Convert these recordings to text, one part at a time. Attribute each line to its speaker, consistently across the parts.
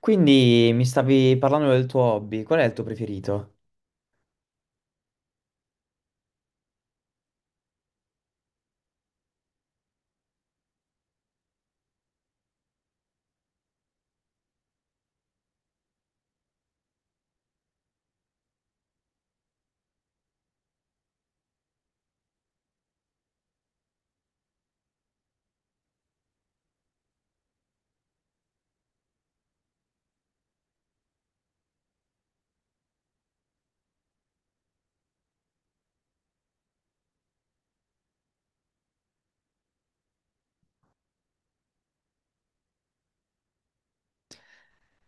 Speaker 1: Quindi mi stavi parlando del tuo hobby, qual è il tuo preferito?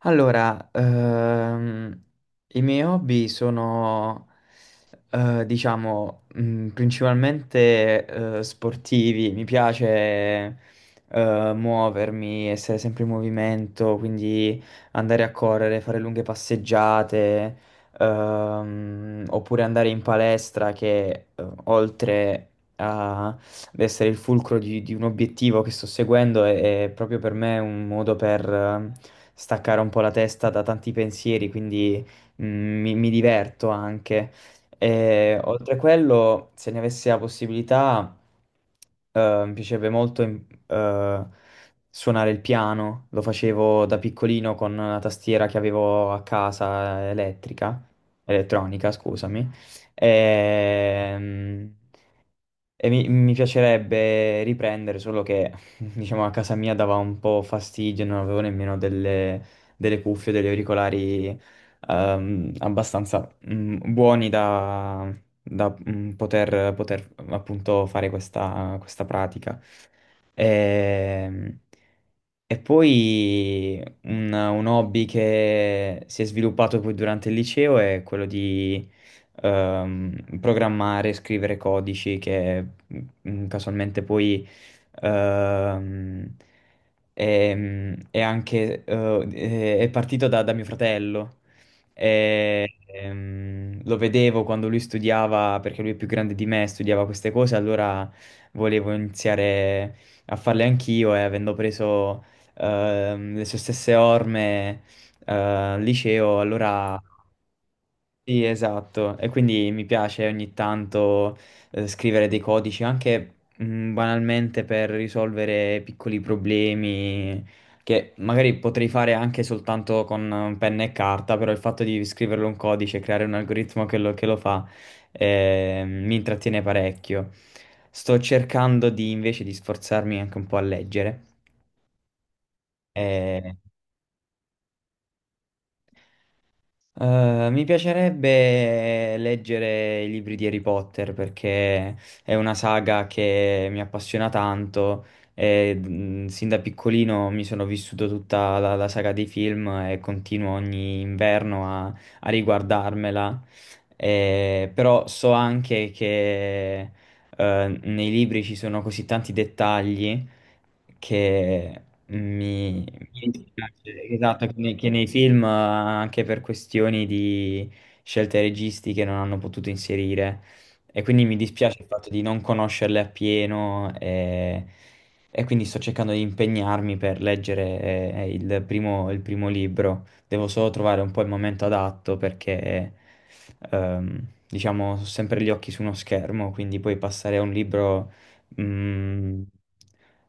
Speaker 1: Allora, i miei hobby sono, diciamo, principalmente sportivi, mi piace muovermi, essere sempre in movimento, quindi andare a correre, fare lunghe passeggiate, oppure andare in palestra che oltre ad essere il fulcro di un obiettivo che sto seguendo è proprio per me un modo per staccare un po' la testa da tanti pensieri, quindi mi diverto anche. E, oltre a quello, se ne avessi la possibilità, mi piacerebbe molto suonare il piano. Lo facevo da piccolino con la tastiera che avevo a casa elettrica, elettronica, scusami. Ehm, e mi piacerebbe riprendere, solo che diciamo a casa mia dava un po' fastidio, non avevo nemmeno delle cuffie, degli auricolari abbastanza buoni poter, appunto fare questa pratica. Ehm, E poi un hobby che si è sviluppato poi durante il liceo è quello programmare, scrivere codici che casualmente poi ehm, è, è anche è partito da mio fratello. E lo vedevo quando lui studiava, perché lui è più grande di me, studiava queste cose, allora volevo iniziare a farle anch'io e avendo preso le sue stesse orme al liceo, allora sì, esatto, e quindi mi piace ogni tanto scrivere dei codici anche banalmente per risolvere piccoli problemi che magari potrei fare anche soltanto con penna e carta, però il fatto di scriverlo un codice e creare un algoritmo che lo fa mi intrattiene parecchio. Sto cercando di invece di sforzarmi anche un po' a leggere. eh, Eh, mi piacerebbe leggere i libri di Harry Potter perché è una saga che mi appassiona tanto e sin da piccolino mi sono vissuto tutta la saga dei film e continuo ogni inverno a riguardarmela. Però so anche che nei libri ci sono così tanti dettagli che mi, mi dispiace, esatto, che nei film, anche per questioni di scelte registiche, non hanno potuto inserire. E quindi mi dispiace il fatto di non conoscerle appieno e quindi sto cercando di impegnarmi per leggere il primo libro. Devo solo trovare un po' il momento adatto perché, diciamo, ho sempre gli occhi su uno schermo, quindi poi passare a un libro. Mm,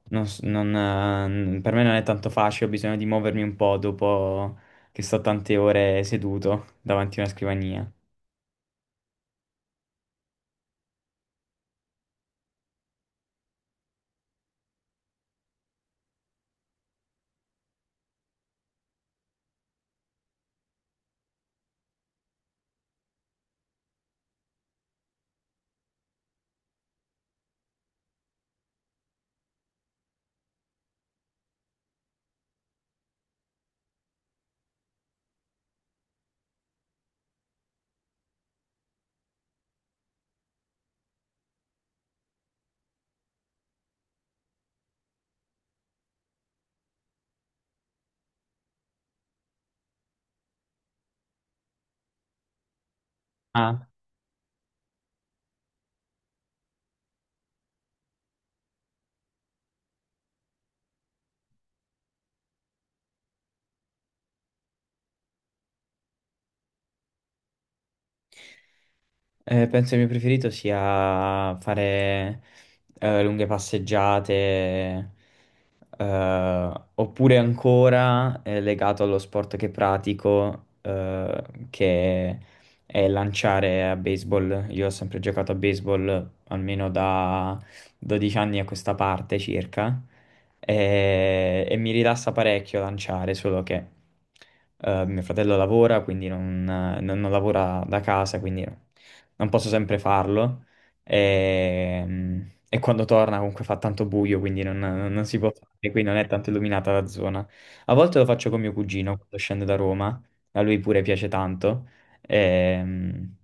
Speaker 1: non s- non, per me non è tanto facile, ho bisogno di muovermi un po' dopo che sto tante ore seduto davanti a una scrivania. Penso il mio preferito sia fare lunghe passeggiate, oppure ancora legato allo sport che pratico, che è lanciare a baseball. Io ho sempre giocato a baseball almeno da 12 anni a questa parte circa, e mi rilassa parecchio lanciare, solo che mio fratello lavora, quindi non lavora da casa, quindi non posso sempre farlo. E quando torna comunque fa tanto buio, quindi non, non si può fare, qui non è tanto illuminata la zona. A volte lo faccio con mio cugino quando scende da Roma, a lui pure piace tanto. Ehm,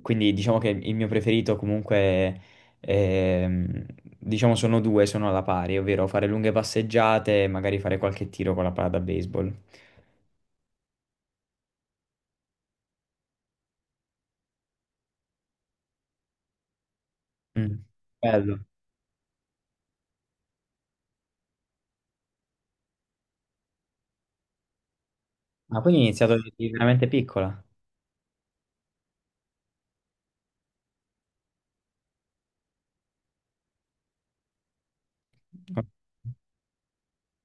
Speaker 1: quindi diciamo che il mio preferito comunque, ehm, diciamo sono due, sono alla pari, ovvero fare lunghe passeggiate e magari fare qualche tiro con la palla da baseball. Mm. Bello. Ma quindi hai iniziato di veramente piccola?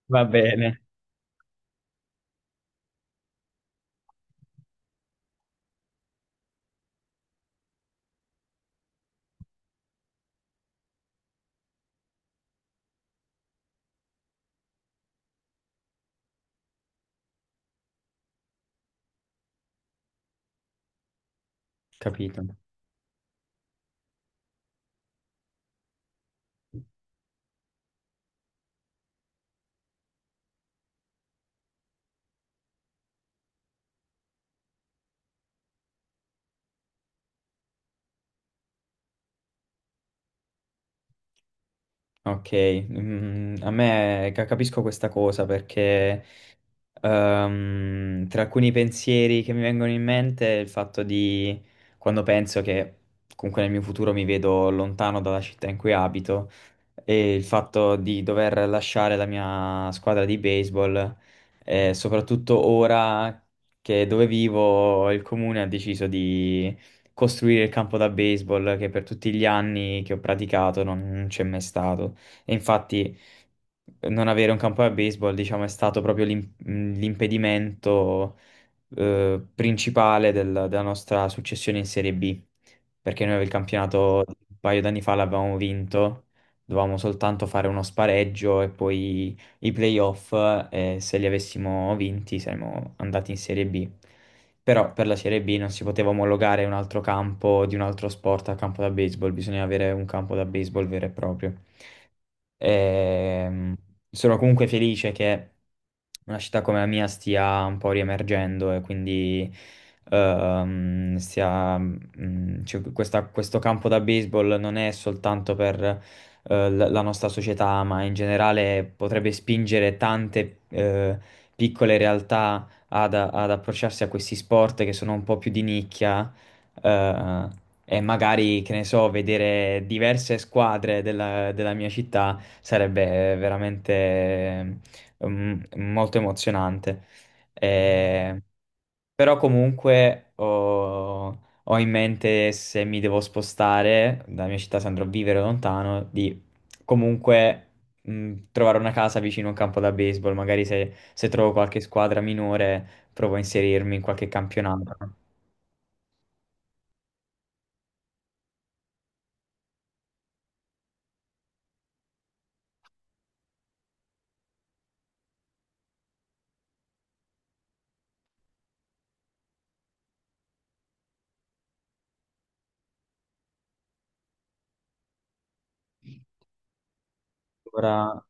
Speaker 1: Va bene. Capito. Ok, capisco questa cosa perché tra alcuni pensieri che mi vengono in mente è il fatto di quando penso che comunque nel mio futuro mi vedo lontano dalla città in cui abito e il fatto di dover lasciare la mia squadra di baseball, soprattutto ora che dove vivo il comune ha deciso di costruire il campo da baseball che per tutti gli anni che ho praticato non c'è mai stato. E infatti non avere un campo da baseball, diciamo, è stato proprio l'impedimento principale della nostra successione in Serie B, perché noi il campionato un paio d'anni fa l'avevamo vinto, dovevamo soltanto fare uno spareggio e poi i playoff, e se li avessimo vinti saremmo andati in Serie B. Però per la Serie B non si poteva omologare un altro campo di un altro sport al campo da baseball, bisognava avere un campo da baseball vero e proprio. Ehm, Sono comunque felice che una città come la mia stia un po' riemergendo e quindi cioè, questo campo da baseball non è soltanto per la nostra società, ma in generale potrebbe spingere tante piccole realtà ad approcciarsi a questi sport che sono un po' più di nicchia. E magari, che ne so, vedere diverse squadre della mia città sarebbe veramente molto emozionante. Eh, però comunque ho in mente, se mi devo spostare dalla mia città, se andrò a vivere lontano, di comunque trovare una casa vicino a un campo da baseball. Magari se trovo qualche squadra minore, provo a inserirmi in qualche campionato. Ora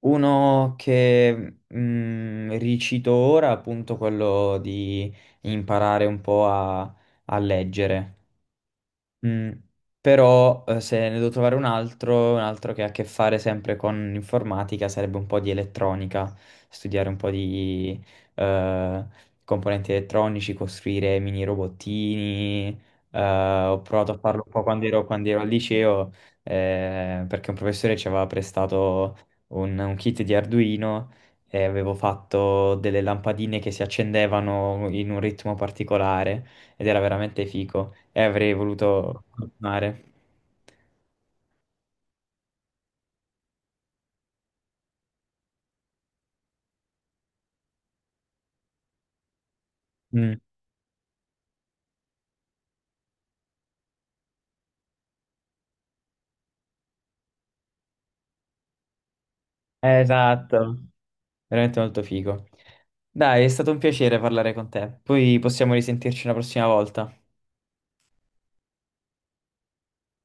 Speaker 1: Uno che mm, ricito ora, appunto quello di imparare un po' a leggere. Mm. Però se ne devo trovare un altro che ha a che fare sempre con informatica, sarebbe un po' di elettronica, studiare un po' di eh, componenti elettronici, costruire mini robottini. Ho provato a farlo un po' quando ero al liceo, perché un professore ci aveva prestato un kit di Arduino e avevo fatto delle lampadine che si accendevano in un ritmo particolare ed era veramente fico e avrei voluto continuare. Mm. Esatto, veramente molto figo. Dai, è stato un piacere parlare con te. Poi possiamo risentirci una prossima volta.